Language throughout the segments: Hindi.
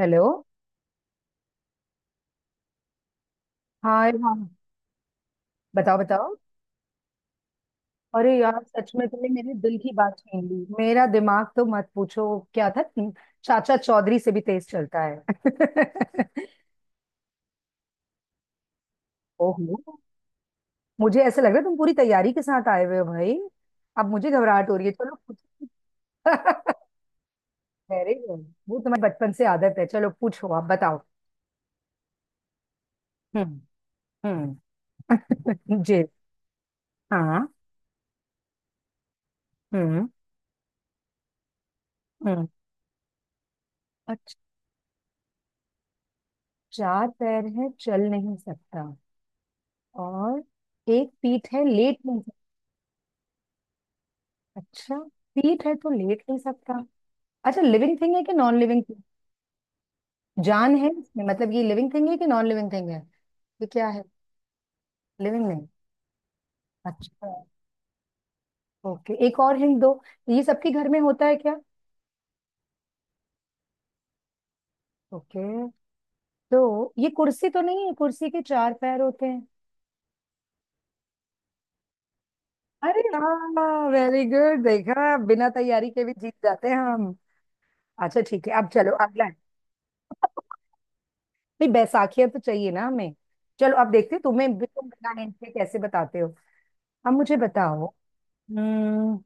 हेलो। हाँ, अरे हाँ। बताओ बताओ। अरे यार, सच में तुमने मेरे दिल की बात छीन ली। मेरा दिमाग तो मत पूछो। क्या था तीन- चाचा चौधरी से भी तेज चलता है। ओहो। मुझे ऐसा लग रहा है तुम पूरी तैयारी के साथ आए हुए हो भाई। अब मुझे घबराहट हो रही है। चलो पूछो। Very good. वो तुम्हारे बचपन से आदत है। चलो पूछो, आप बताओ। हम्म। हम्म। जी। हाँ। हम्म। हम्म। अच्छा। चार पैर है, चल नहीं सकता। और एक पीठ है, लेट नहीं सकता। अच्छा, पीठ है तो लेट नहीं सकता। अच्छा, लिविंग थिंग है कि नॉन लिविंग थिंग। जान है इसमें मतलब, ये लिविंग थिंग है कि नॉन लिविंग थिंग है। ये क्या है। लिविंग नहीं। अच्छा। ओके, एक और हिंट दो। ये सबके घर में होता है क्या। ओके, तो ये कुर्सी तो नहीं है, कुर्सी के चार पैर होते हैं। अरे हाँ, वेरी गुड। देखा, बिना तैयारी के भी जीत जाते हैं हम। अच्छा ठीक है, अब चलो अगला। है। नहीं, बैसाखियां तो चाहिए ना हमें। चलो अब देखते हैं तुम्हें भी, तुम बिना हिंट के कैसे बताते हो। अब मुझे बताओ। हम्म,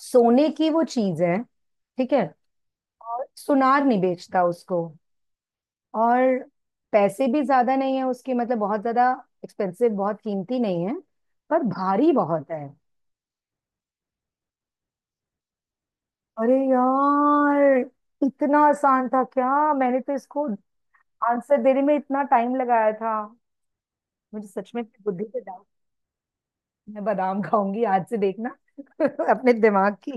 सोने की वो चीज है, ठीक है। और सुनार नहीं बेचता उसको। और पैसे भी ज्यादा नहीं है उसके, मतलब बहुत ज्यादा एक्सपेंसिव, बहुत कीमती नहीं है। पर भारी बहुत है। अरे यार, इतना आसान था क्या। मैंने तो इसको आंसर देने में इतना टाइम लगाया था। मुझे सच में अपनी बुद्धि पे। मैं बादाम खाऊंगी आज से, देखना। अपने दिमाग की।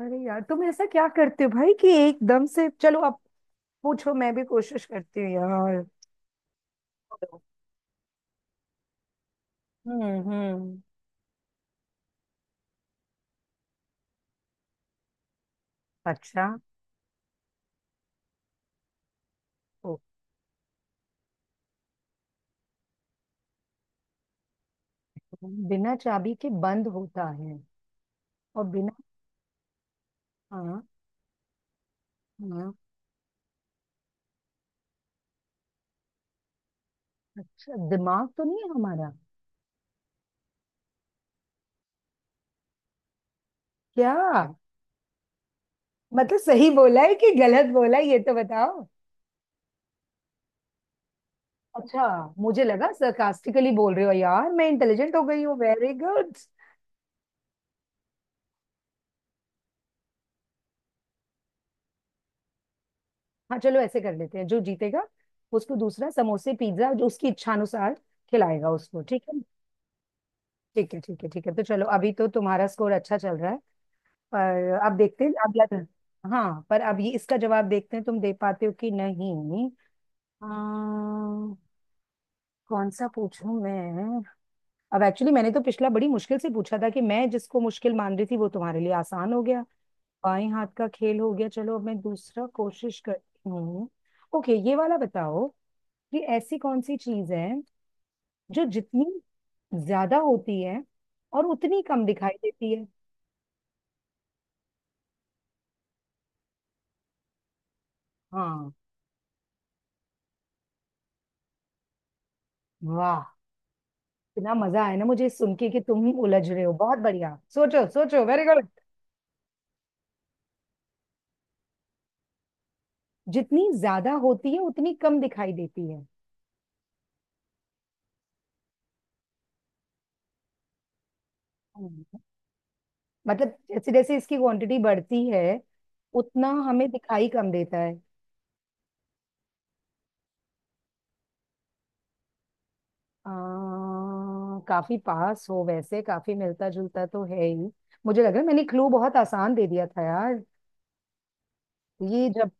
अरे यार, तुम ऐसा क्या करते हो भाई कि एकदम से। चलो अब पूछो, मैं भी कोशिश करती हूँ यार। हम्म। हम्म। अच्छा। ओके। बिना चाबी के बंद होता है और बिना। हाँ। हाँ। अच्छा, दिमाग तो नहीं है हमारा। क्या। मतलब सही बोला है कि गलत बोला है ये तो बताओ। अच्छा। मुझे लगा सरकास्टिकली बोल रहे हो यार। मैं इंटेलिजेंट हो गई हूँ, वेरी गुड। हाँ चलो, ऐसे कर लेते हैं। जो जीतेगा उसको दूसरा समोसे पिज्जा जो उसकी इच्छानुसार खिलाएगा उसको, ठीक है। ठीक है, ठीक है, ठीक है, तो चलो। अभी तो तुम्हारा स्कोर अच्छा चल रहा है, पर अब देखते हैं अगला turn। हाँ, पर अब ये इसका जवाब देखते हैं तुम दे पाते हो कि नहीं। अम्म, कौन सा पूछूं मैं। अब एक्चुअली, मैंने तो पिछला बड़ी मुश्किल से पूछा था कि मैं जिसको मुश्किल मान रही थी वो तुम्हारे लिए आसान हो गया। बाएं हाथ का खेल हो गया। चलो अब मैं दूसरा कोशिश करती हूँ। ओके, ये वाला बताओ। ये ऐसी कौन सी चीज है जो जितनी ज्यादा होती है और उतनी कम दिखाई देती है। हाँ। वाह, इतना मजा आया ना मुझे ये सुन के कि तुम ही उलझ रहे हो। बहुत बढ़िया, सोचो सोचो, वेरी गुड। जितनी ज्यादा होती है उतनी कम दिखाई देती है। हम्म। मतलब जैसे जैसे इसकी क्वांटिटी बढ़ती है, उतना हमें दिखाई कम देता है। काफी पास हो वैसे, काफी मिलता जुलता तो है ही। मुझे लग रहा है मैंने क्लू बहुत आसान दे दिया था यार। ये जब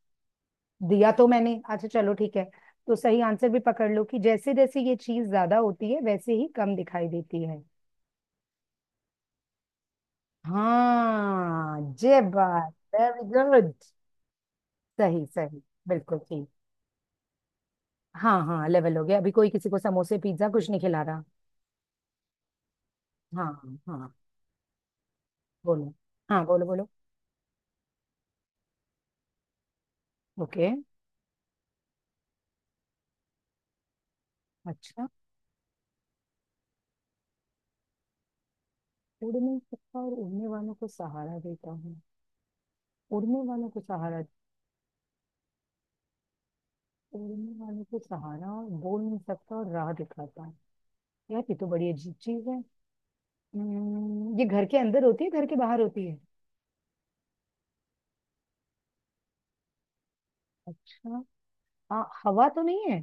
दिया तो मैंने, अच्छा चलो ठीक है, तो सही आंसर भी पकड़ लो कि जैसे जैसे ये चीज ज्यादा होती है वैसे ही कम दिखाई देती है। हाँ, जय बात, वेरी गुड। सही सही, बिल्कुल ठीक। हाँ हाँ, लेवल हो गया। अभी कोई किसी को समोसे पिज्जा कुछ नहीं खिला रहा। हाँ हाँ। बोलो। हाँ बोलो बोलो। ओके। अच्छा। उड़ नहीं सकता और उड़ने वालों को सहारा देता हूँ। उड़ने वालों को सहारा। उड़ने वालों को सहारा और बोल नहीं सकता और राह दिखाता हूँ। यार ये तो बड़ी अजीब चीज है। ये घर के अंदर होती है घर के बाहर होती है। अच्छा। हाँ, हवा तो नहीं है।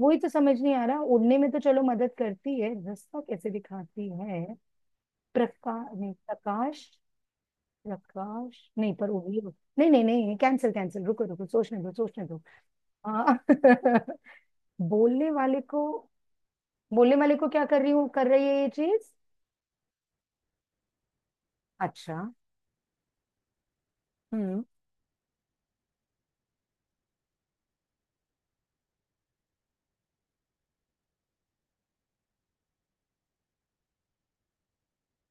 वही तो समझ नहीं आ रहा, उड़ने में तो चलो मदद करती है, रास्ता कैसे दिखाती है। प्रकाश नहीं, प्रकाश। नहीं नहीं नहीं, कैंसिल कैंसिल, रुको रुको, सोचने दो सोचने दो। हाँ। बोलने वाले को, बोलने वाले को क्या कर रही हूँ, कर रही है ये चीज। अच्छा। हम्म,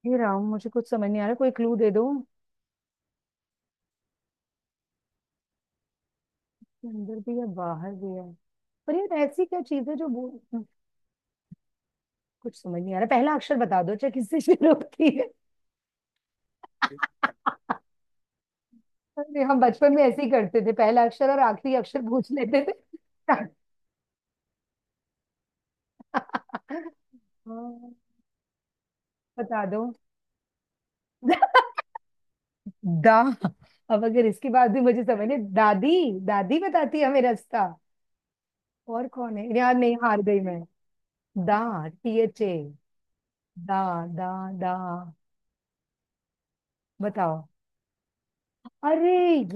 ये राम मुझे कुछ समझ नहीं आ रहा, कोई क्लू दे दो। अंदर भी है, बाहर भी है, पर यार ऐसी क्या चीज है कुछ समझ नहीं आ रहा। पहला अक्षर बता दो, चाहे किससे शुरू होती है। अरे, हम बचपन में ऐसे ही करते थे, पहला अक्षर और आखिरी अक्षर पूछ लेते थे। हाँ, बता दो। दा। अब अगर इसके बाद भी मुझे समझ नहीं। दादी, दादी बताती है हमें रास्ता और कौन है यार। नहीं, हार गई मैं। दा, THA, दा, दा, दा, बताओ। अरे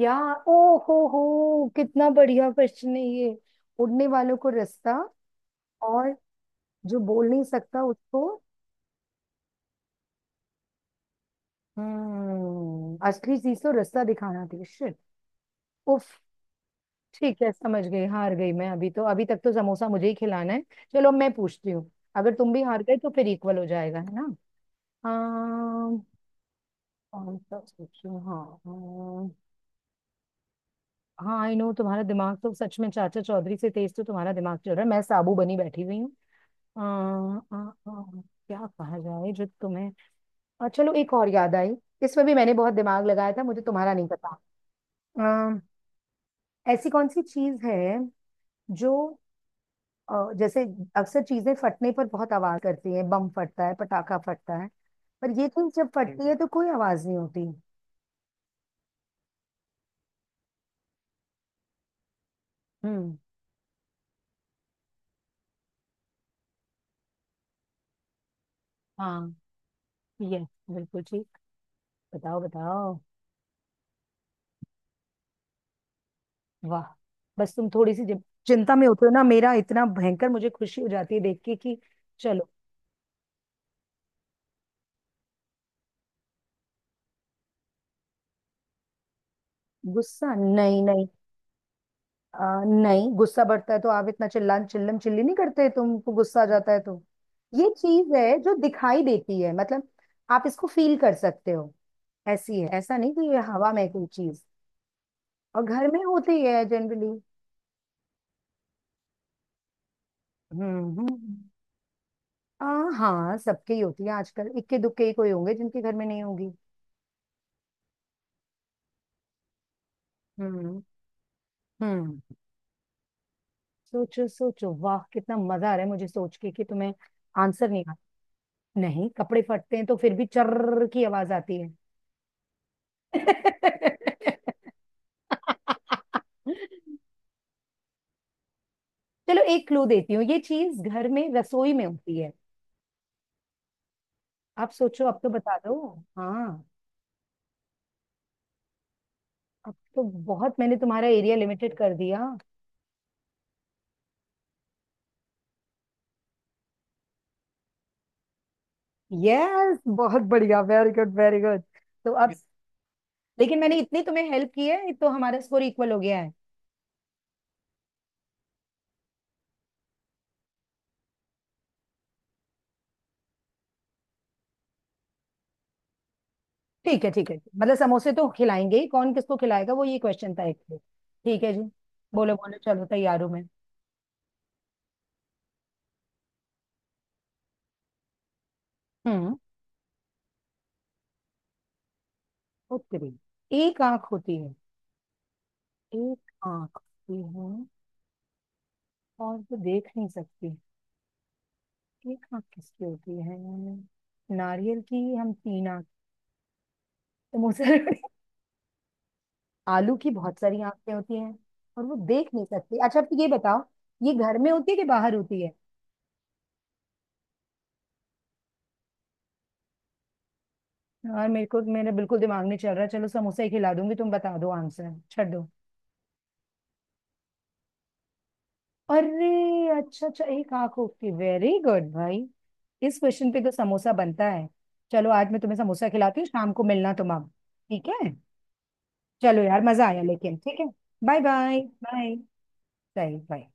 यार, ओ हो, कितना बढ़िया क्वेश्चन है ये। उड़ने वालों को रास्ता और जो बोल नहीं सकता उसको। हम्म, असली चीज तो रास्ता दिखाना थी, शिट। उफ। ठीक है, समझ गई। हार गई मैं। अभी तो, अभी तक तो समोसा मुझे ही खिलाना है। चलो मैं पूछती हूँ, अगर तुम भी हार गए तो फिर इक्वल हो जाएगा, है ना। अम, कौन सा पूछूं? हाँ। हाँ, आई नो, तुम्हारा दिमाग तो सच में चाचा चौधरी से तेज, तो तुम्हारा दिमाग चल रहा है, मैं साबू बनी बैठी हुई। आ, आ, आ, क्या कहा जाए जो तुम्हें। और चलो एक और याद आई, इसमें भी मैंने बहुत दिमाग लगाया था, मुझे तुम्हारा नहीं पता। आ, ऐसी कौन सी चीज है जो जैसे अक्सर चीजें फटने पर बहुत आवाज करती है, बम फटता है, पटाखा फटता है, पर ये चीज जब फटती है तो कोई आवाज नहीं होती। हम्म। हाँ, यस, बिल्कुल ठीक। बताओ बताओ। वाह, बस तुम थोड़ी सी चिंता में होते हो ना, मेरा इतना भयंकर मुझे खुशी हो जाती है देख के कि चलो। गुस्सा नहीं, नहीं। नहीं, गुस्सा बढ़ता है तो आप इतना चिल्लान चिल्लम चिल्ली नहीं करते, तुमको गुस्सा आ जाता है तो ये चीज है जो दिखाई देती है, मतलब आप इसको फील कर सकते हो, ऐसी है। ऐसा नहीं कि ये हवा में कोई चीज, और घर में होती है जनरली। हम्म। हम्म। हाँ, सबके ही होती है आजकल, इक्के दुक्के ही कोई होंगे जिनके घर में नहीं होगी। हम्म। हम्म। सोचो सोचो, वाह कितना मजा आ रहा है मुझे सोच के कि तुम्हें आंसर नहीं आता। नहीं, कपड़े फटते हैं तो फिर भी चर्र की आवाज आती है। चलो एक क्लू देती हूँ, ये चीज घर में रसोई में होती है। आप सोचो, अब तो बता दो। हाँ, अब तो बहुत मैंने तुम्हारा एरिया लिमिटेड कर दिया। यस, बहुत बढ़िया, वेरी गुड, वेरी गुड। तो अब, लेकिन मैंने इतनी तुम्हें हेल्प की है तो हमारा स्कोर इक्वल हो गया है। ठीक है, ठीक है, मतलब समोसे तो खिलाएंगे ही, कौन किसको खिलाएगा वो ये क्वेश्चन था एक तो। ठीक है जी। बोलो बोलो, चलो तैयार हूँ मैं। हम्म। उत्तरी, एक आंख होती है। एक आंख होती है और वो देख नहीं सकती। एक आंख किसकी होती है, नारियल की, हम तीन आंख, तो मुसर। आलू की बहुत सारी आंखें होती हैं और वो देख नहीं सकती। अच्छा, अब ये बताओ, ये घर में होती है कि बाहर होती है। यार मेरे को, मेरा बिल्कुल दिमाग नहीं चल रहा। चलो समोसा ही खिला दूंगी, तुम बता दो आंसर, छੱड दो। अरे, अच्छा अच्छा, एक आंख होती, वेरी गुड भाई। इस क्वेश्चन पे तो समोसा बनता है। चलो, आज मैं तुम्हें समोसा खिलाती हूँ, शाम को मिलना तुम अब। ठीक है। चलो यार, मजा आया, लेकिन ठीक है। Bye bye bye. सही, बाय।